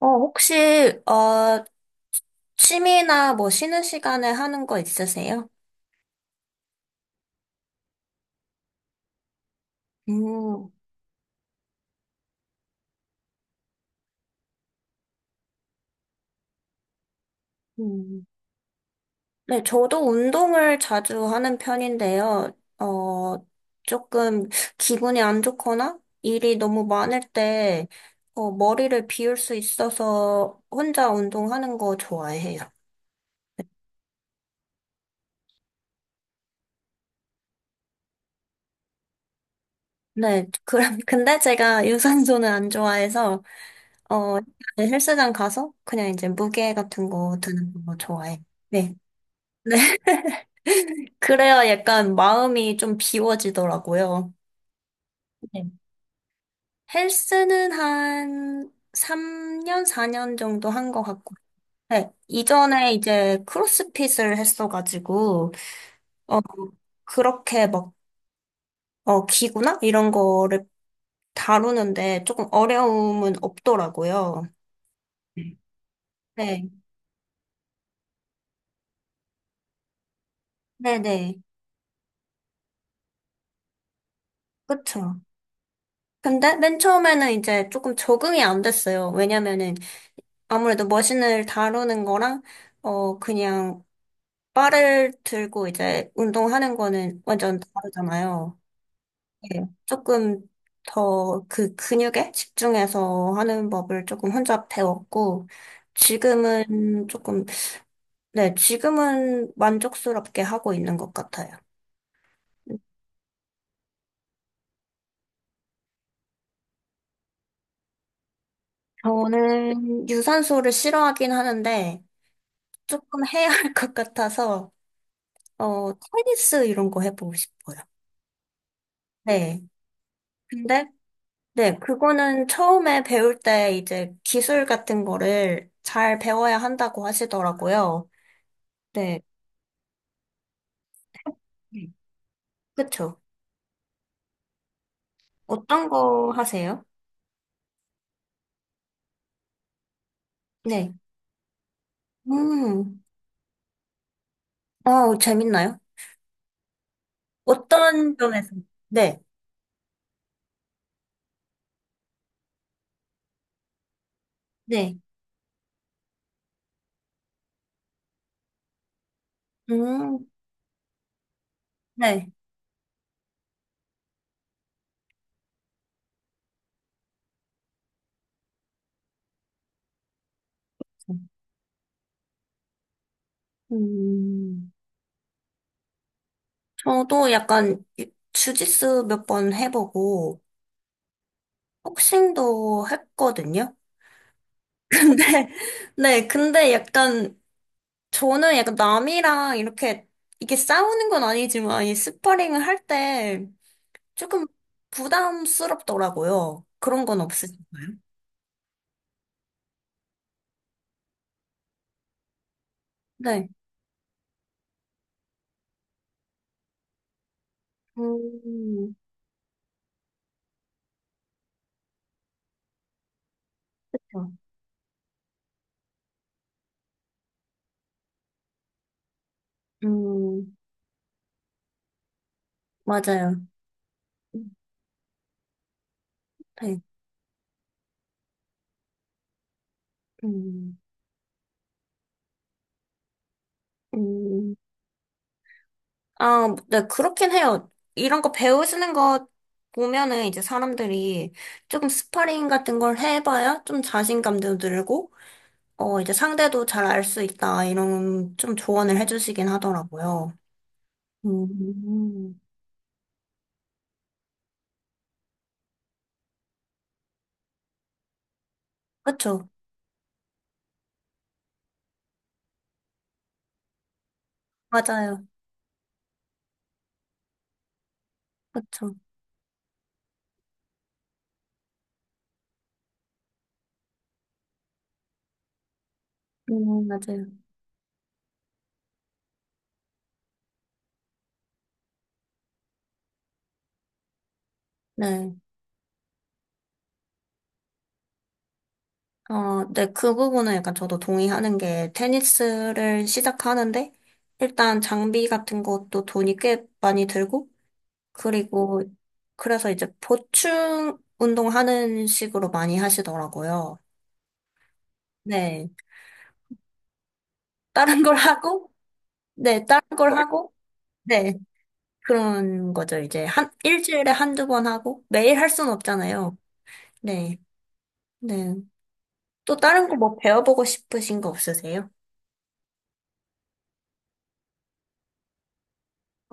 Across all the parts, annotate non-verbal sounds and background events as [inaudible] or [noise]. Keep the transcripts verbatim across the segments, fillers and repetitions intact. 어, 혹시, 어, 취미나 뭐 쉬는 시간에 하는 거 있으세요? 음. 음. 네, 저도 운동을 자주 하는 편인데요. 어, 조금 기분이 안 좋거나 일이 너무 많을 때, 어, 머리를 비울 수 있어서 혼자 운동하는 거 좋아해요. 네, [laughs] 그럼, 근데 제가 유산소는 안 좋아해서, 어, 헬스장 가서 그냥 이제 무게 같은 거 드는 거 좋아해요. 네. 그래야 약간 마음이 좀 비워지더라고요. 네. 헬스는 한 삼 년, 사 년 정도 한 것 같고. 네. 이전에 이제 크로스핏을 했어가지고, 어, 그렇게 막, 어, 기구나? 이런 거를 다루는데 조금 어려움은 없더라고요. 네. 네네. 그쵸. 근데 맨 처음에는 이제 조금 적응이 안 됐어요. 왜냐면은 아무래도 머신을 다루는 거랑, 어, 그냥 바를 들고 이제 운동하는 거는 완전 다르잖아요. 네. 조금 더 그 근육에 집중해서 하는 법을 조금 혼자 배웠고, 지금은 조금, 네, 지금은 만족스럽게 하고 있는 것 같아요. 저는 유산소를 싫어하긴 하는데, 조금 해야 할 것 같아서, 어, 테니스 이런 거 해보고 싶어요. 네. 근데 네, 그거는 처음에 배울 때 이제 기술 같은 거를 잘 배워야 한다고 하시더라고요. 네, 네. 그쵸. 어떤 거 하세요? 네. 음. 어, 재밌나요? 어떤 점에서? 네, 네. 음. 네. 음. 저도 약간 주짓수 몇 번 해보고, 복싱도 했거든요. [laughs] 근데, 네, 근데 약간 저는 약간 남이랑 이렇게, 이게 싸우는 건 아니지만, 이 스파링을 할 때 조금 부담스럽더라고요. 그런 건 없으신가요? 네. 음. 그렇죠. 음. 맞아요. 네. 음. 음. 아, 네, 그렇긴 해요. 이런 거 배우시는 거 보면은 이제 사람들이 조금 스파링 같은 걸 해봐야 좀 자신감도 늘고, 어, 이제 상대도 잘 알 수 있다, 이런 좀 조언을 해주시긴 하더라고요. 음. 그쵸. 맞아요. 그쵸. 음. 맞아요. 네. 어, 네, 그 부분은 약간 저도 동의하는 게 테니스를 시작하는데 일단 장비 같은 것도 돈이 꽤 많이 들고 그리고 그래서 이제 보충 운동하는 식으로 많이 하시더라고요. 네. 다른 걸 하고, 네, 다른 걸 하고, 네. 그런 거죠. 이제 한, 일주일에 한두 번 하고 매일 할 순 없잖아요. 네. 네. 또 다른 거 뭐 배워보고 싶으신 거 없으세요?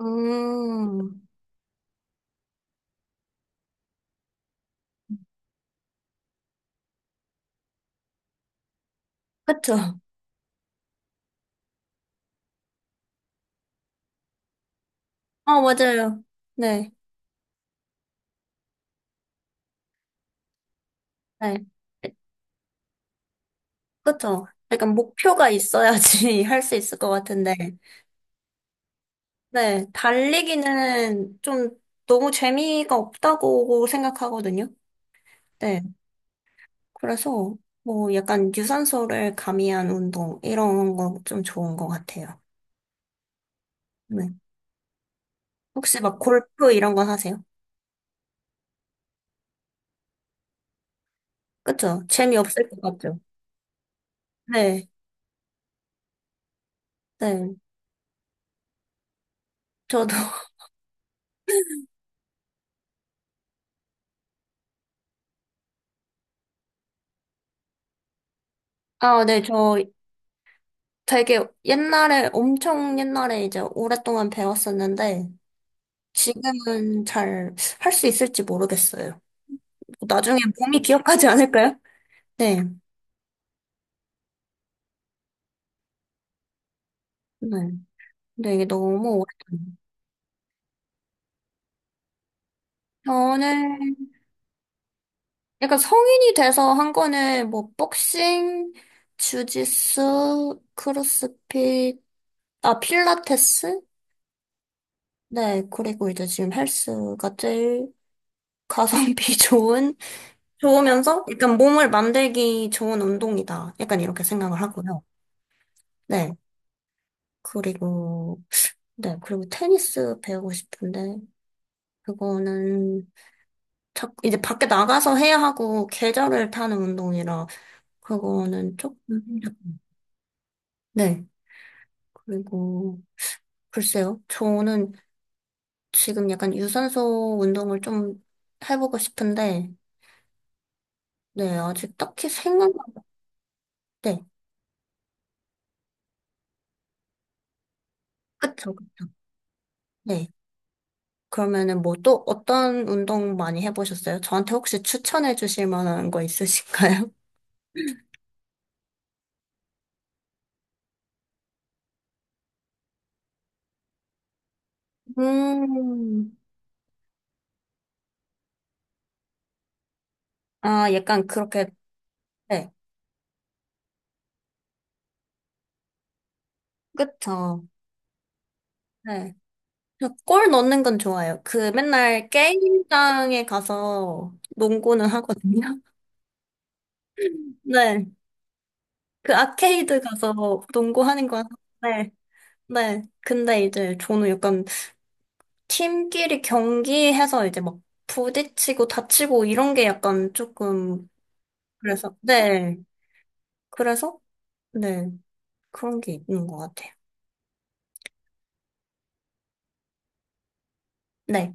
음. 그쵸. 어, 맞아요. 네, 네. 그쵸. 약간 목표가 있어야지 [laughs] 할 수 있을 것 같은데. 네, 달리기는 좀 너무 재미가 없다고 생각하거든요. 네, 그래서 뭐 약간 유산소를 가미한 운동, 이런 거 좀 좋은 것 같아요. 네. 혹시 막 골프 이런 거 하세요? 그쵸. 재미없을 것 같죠. 네, 네. 저도 아, 네, 저 되게 옛날에, 엄청 옛날에 이제 오랫동안 배웠었는데, 지금은 잘 할 수 있을지 모르겠어요. 나중에 몸이 기억하지 않을까요? 네. 네. 근데 이게 너무 오랫동안. 저는 약간 성인이 돼서 한 거는 뭐, 복싱, 주짓수, 크로스핏, 아, 필라테스? 네. 그리고 이제 지금 헬스가 제일 가성비 [laughs] 좋은 좋으면서 약간 몸을 만들기 좋은 운동이다. 약간 이렇게 생각을 하고요. 네. 그리고, 네. 그리고 테니스 배우고 싶은데, 그거는 자, 이제 밖에 나가서 해야 하고, 계절을 타는 운동이라, 그거는 조금, 네. 그리고, 글쎄요. 저는 지금 약간 유산소 운동을 좀 해보고 싶은데, 네. 아직 딱히 생각, 네. 그쵸, 그쵸. 네. 그러면은 뭐 또 어떤 운동 많이 해보셨어요? 저한테 혹시 추천해 주실 만한 거 있으실까요? [laughs] 음. 아, 약간 그렇게, 네. 그쵸. 네. 저골 넣는 건 좋아요. 그 맨날 게임장에 가서 농구는 하거든요. [laughs] 네. 그 아케이드 가서 농구하는 건, 네. 네. 근데 이제 저는 약간 팀끼리 경기해서 이제 막 부딪히고 다치고 이런 게 약간 조금, 그래서, 네. 그래서, 네, 그런 게 있는 것 같아요. 네.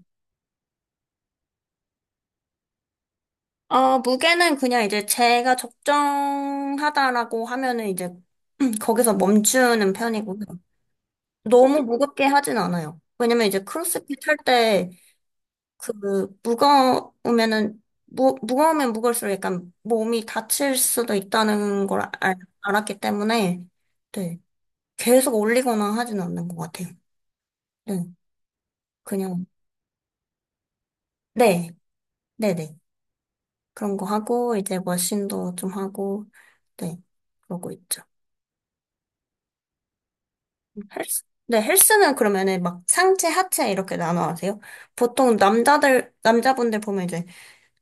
어, 무게는 그냥 이제 제가 적정하다라고 하면은 이제 [clears throat] 거기서 멈추는 편이고요. 너무 무겁게 하진 않아요. 왜냐면 이제 크로스핏 할 때 그 무거우면은 무, 무거우면 무거울수록 약간 몸이 다칠 수도 있다는 걸 알, 알았기 때문에 네. 계속 올리거나 하진 않는 것 같아요. 네. 그냥 네. 네네. 그런 거 하고, 이제 머신도 좀 하고, 네, 그러고 있죠. 헬스, 네, 헬스는 그러면은 막 상체, 하체 이렇게 나눠 하세요? 보통 남자들, 남자분들 보면 이제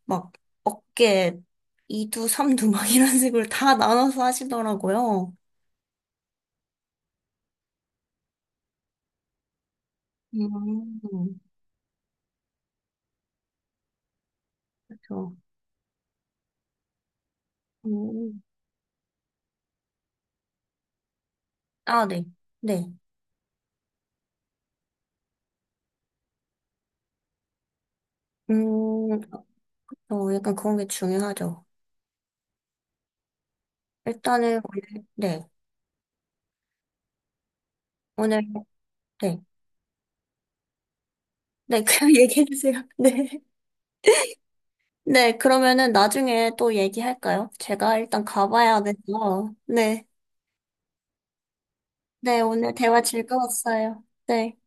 막 어깨 이 두, 삼 두 막 이런 [laughs] 식으로 다 나눠서 하시더라고요. 음. 그렇죠. 음. 아, 네. 네. 음. 어, 약간 그런 게 중요하죠. 일단은 오늘, 네. 오늘, 네. 네, 그냥 [laughs] 얘기해주세요. 네. 네, 그러면은 나중에 또 얘기할까요? 제가 일단 가봐야 돼서. 네. 네, 오늘 대화 즐거웠어요. 네.